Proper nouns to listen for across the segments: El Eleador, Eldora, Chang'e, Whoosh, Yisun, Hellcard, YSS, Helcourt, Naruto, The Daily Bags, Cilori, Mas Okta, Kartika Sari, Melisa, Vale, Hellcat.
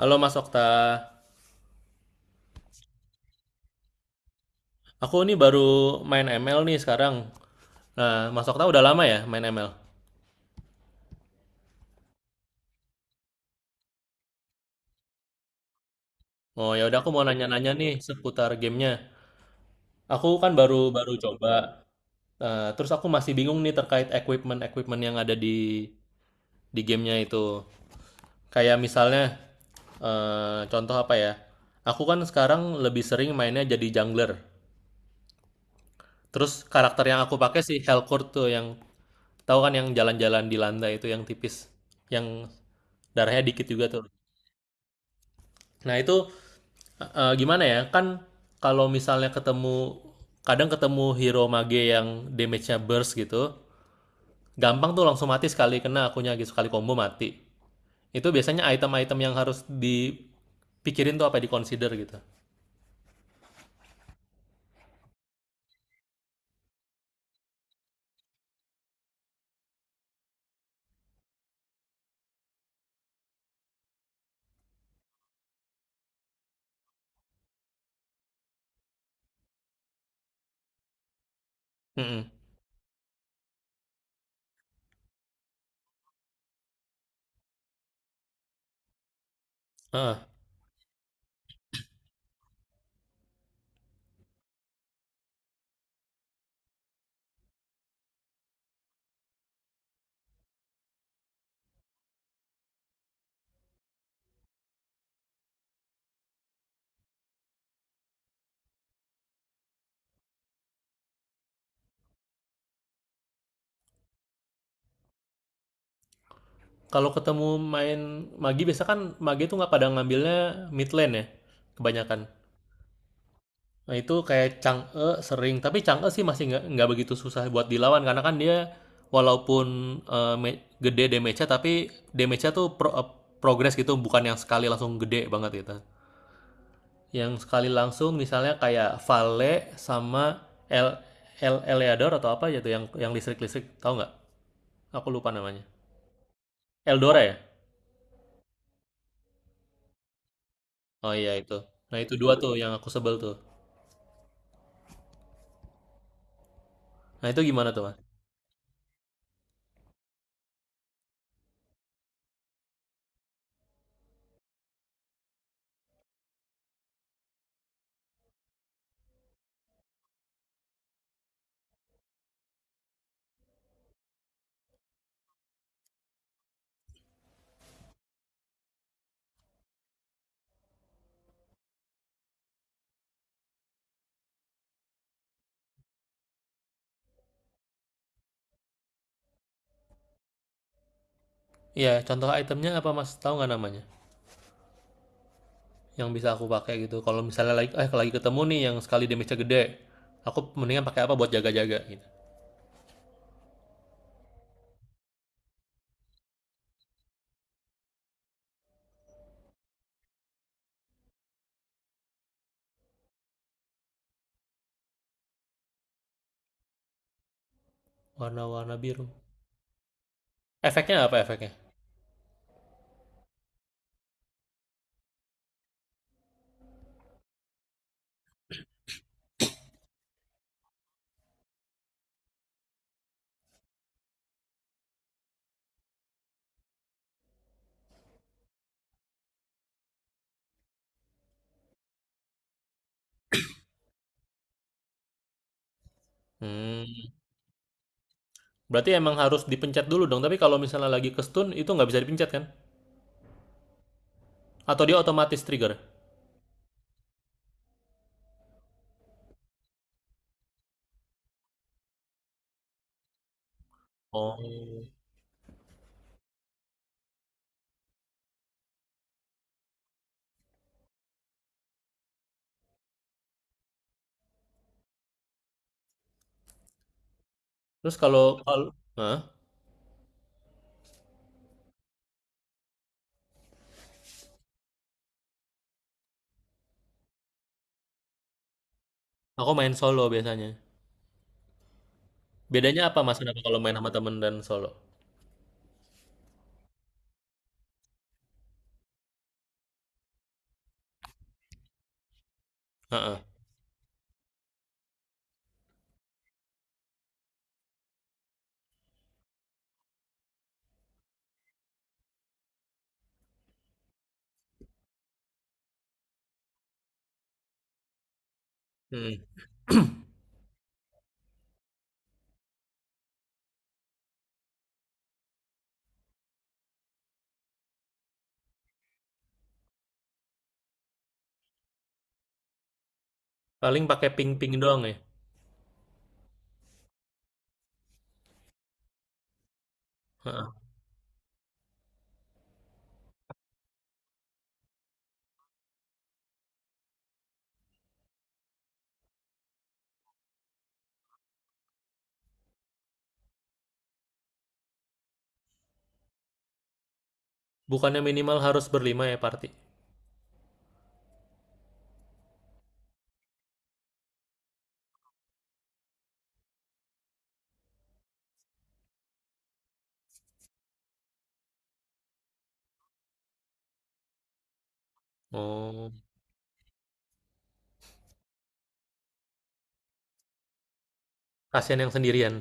Halo Mas Okta, aku nih baru main ML nih sekarang. Nah, Mas Okta udah lama ya main ML? Oh ya udah aku mau nanya-nanya nih seputar gamenya. Aku kan baru baru coba. Terus aku masih bingung nih terkait equipment equipment yang ada di gamenya itu. Kayak misalnya, contoh apa ya? Aku kan sekarang lebih sering mainnya jadi jungler. Terus karakter yang aku pakai si Helcourt tuh yang tahu kan, yang jalan-jalan di lantai itu yang tipis, yang darahnya dikit juga tuh. Nah, itu gimana ya? Kan kalau misalnya ketemu, kadang ketemu hero mage yang damage-nya burst gitu, gampang tuh langsung mati sekali kena akunya gitu, sekali combo mati. Itu biasanya item-item yang harus dipikirin tuh apa, di consider gitu. Mm. Kalau ketemu main Magi biasa, kan Magi tuh nggak pada ngambilnya mid lane ya kebanyakan. Nah itu kayak Chang'e sering, tapi Chang'e sih masih nggak begitu susah buat dilawan karena kan dia walaupun gede damage-nya, tapi damage-nya tuh progress gitu, bukan yang sekali langsung gede banget gitu. Yang sekali langsung misalnya kayak Vale sama El El Eleador atau apa gitu, yang listrik-listrik tahu nggak? Aku lupa namanya. Eldora ya? Oh iya itu. Nah itu dua tuh yang aku sebel tuh. Nah, itu gimana tuh, Mas? Iya, contoh itemnya apa, Mas? Tahu nggak namanya? Yang bisa aku pakai gitu. Kalau misalnya lagi lagi ketemu nih yang sekali damage-nya gede, aku mendingan pakai apa buat jaga-jaga gitu. Warna-warna biru. Efeknya apa, efeknya? Hmm, berarti emang harus dipencet dulu dong. Tapi kalau misalnya lagi ke stun itu nggak bisa dipencet kan? Atau dia otomatis trigger? Oh. Terus kalau kalau hah? Aku main solo biasanya. Bedanya apa Mas, kenapa kalau main sama temen dan solo? Heeh. Hmm. Paling pakai ping-ping doang ya. Heeh. Bukannya minimal harus berlima ya, party? Oh, kasihan yang sendirian.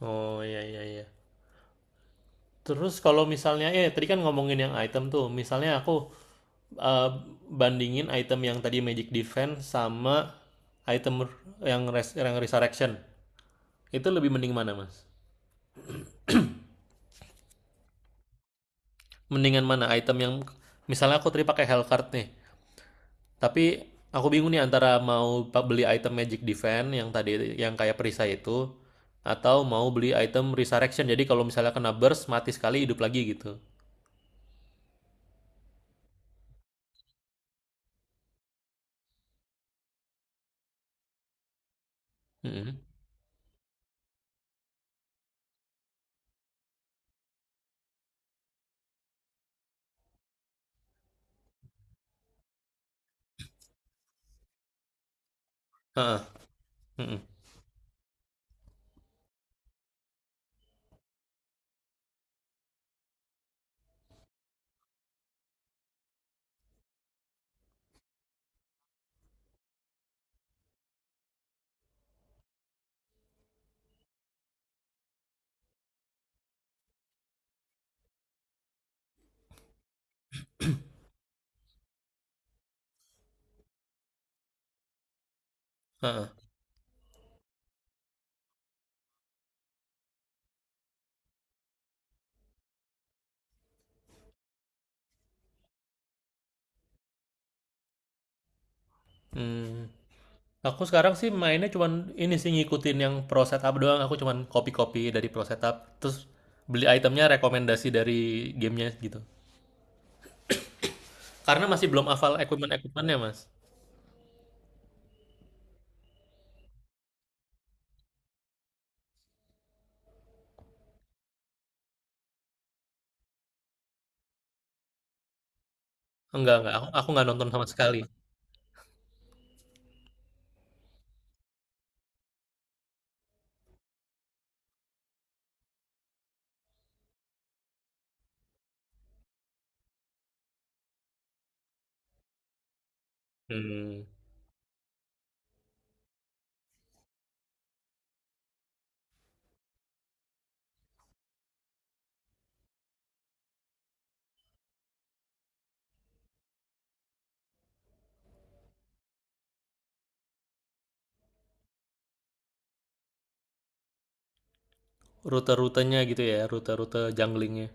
Oh iya iya iya. Terus kalau misalnya, eh, tadi kan ngomongin yang item tuh, misalnya aku, eh, bandingin item yang tadi Magic Defense sama item yang yang Resurrection. Itu lebih mending mana, Mas? Mendingan mana item yang, misalnya aku tadi pakai Hellcard nih. Tapi aku bingung nih antara mau beli item Magic Defense yang tadi yang kayak perisai itu, atau mau beli item Resurrection. Jadi kalau misalnya kena burst mati sekali, hidup lagi gitu. Mm-mm. Heeh. Mm. Heeh. Hmm. Aku sekarang sih mainnya cuman ini sih, ngikutin yang pro setup doang. Aku cuman copy-copy dari pro setup, terus beli itemnya rekomendasi dari gamenya gitu. Karena masih belum hafal equipment-equipmentnya, Mas. Enggak, enggak. Aku nggak nonton sama sekali. Hmm. Rute-rutenya gitu ya, rute-rute junglingnya.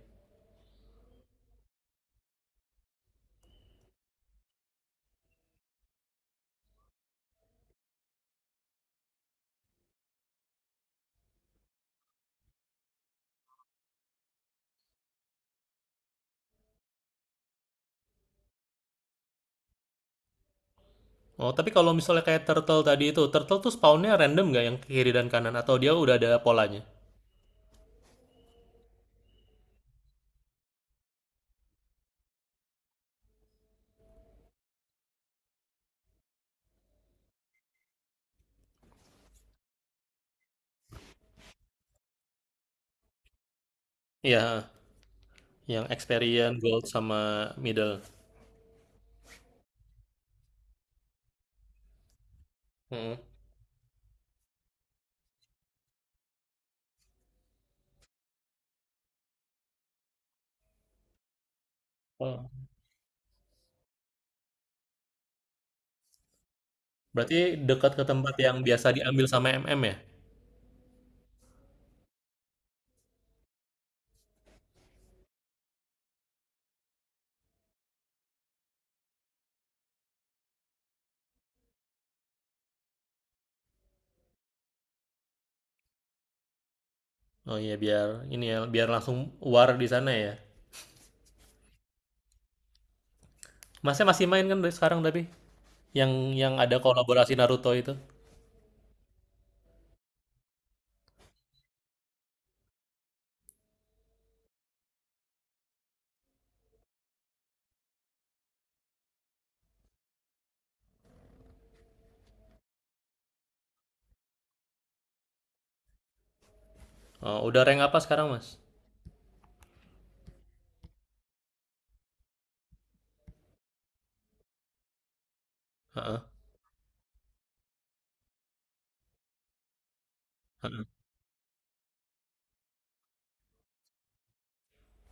Oh, tapi kalau misalnya kayak turtle tadi itu, turtle tuh spawnnya random nggak yang kiri dan kanan? Atau dia udah ada polanya? Iya, yang experience, gold, sama middle. Mm-mm. Oh, berarti dekat ke tempat yang biasa diambil sama MM ya? Oh iya, biar ini ya, biar langsung war di sana ya. Masnya masih main kan dari sekarang tapi? Yang yang ada kolaborasi Naruto itu? Oh, udah rank apa sekarang, Mas? Heeh, heeh.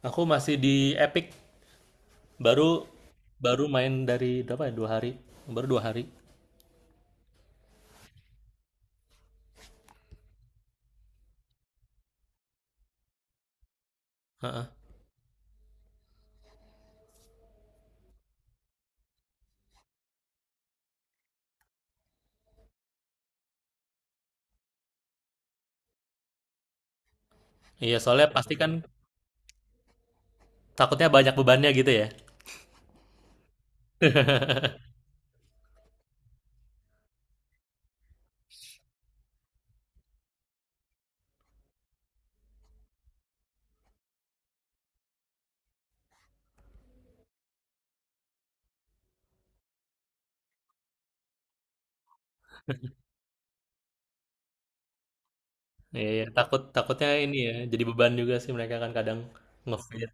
Aku masih di Epic. Baru, baru main dari berapa ya? Dua hari. Baru dua hari. Heeh. Iya, soalnya pasti kan takutnya banyak bebannya gitu ya. Iya, iya. Takut, takutnya ini ya, jadi beban juga sih mereka kan kadang ngefit.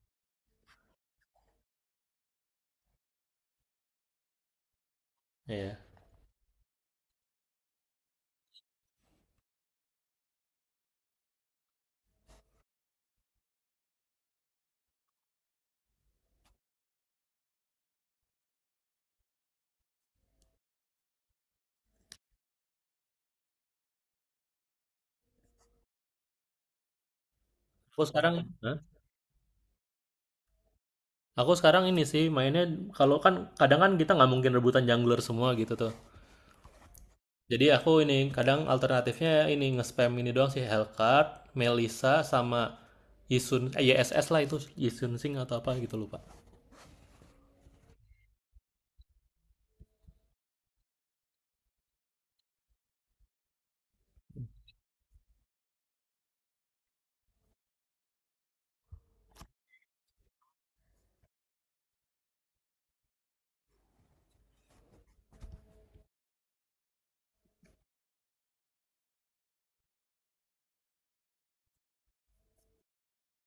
Iya. Aku sekarang, hah? Aku sekarang ini sih mainnya, kalau kan kadang kan kita nggak mungkin rebutan jungler semua gitu tuh. Jadi aku ini kadang alternatifnya ini nge-spam ini doang sih, Hellcat, Melisa sama Yisun, eh, YSS lah, itu Yisun Sing atau apa gitu lupa.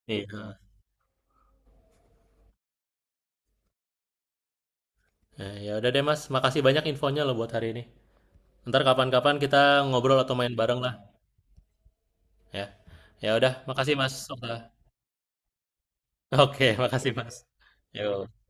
Iya. Nah, ya udah deh Mas, makasih banyak infonya loh buat hari ini. Ntar kapan-kapan kita ngobrol atau main bareng lah, ya. Ya udah, makasih Mas Okta. Oke, makasih Mas. Yo.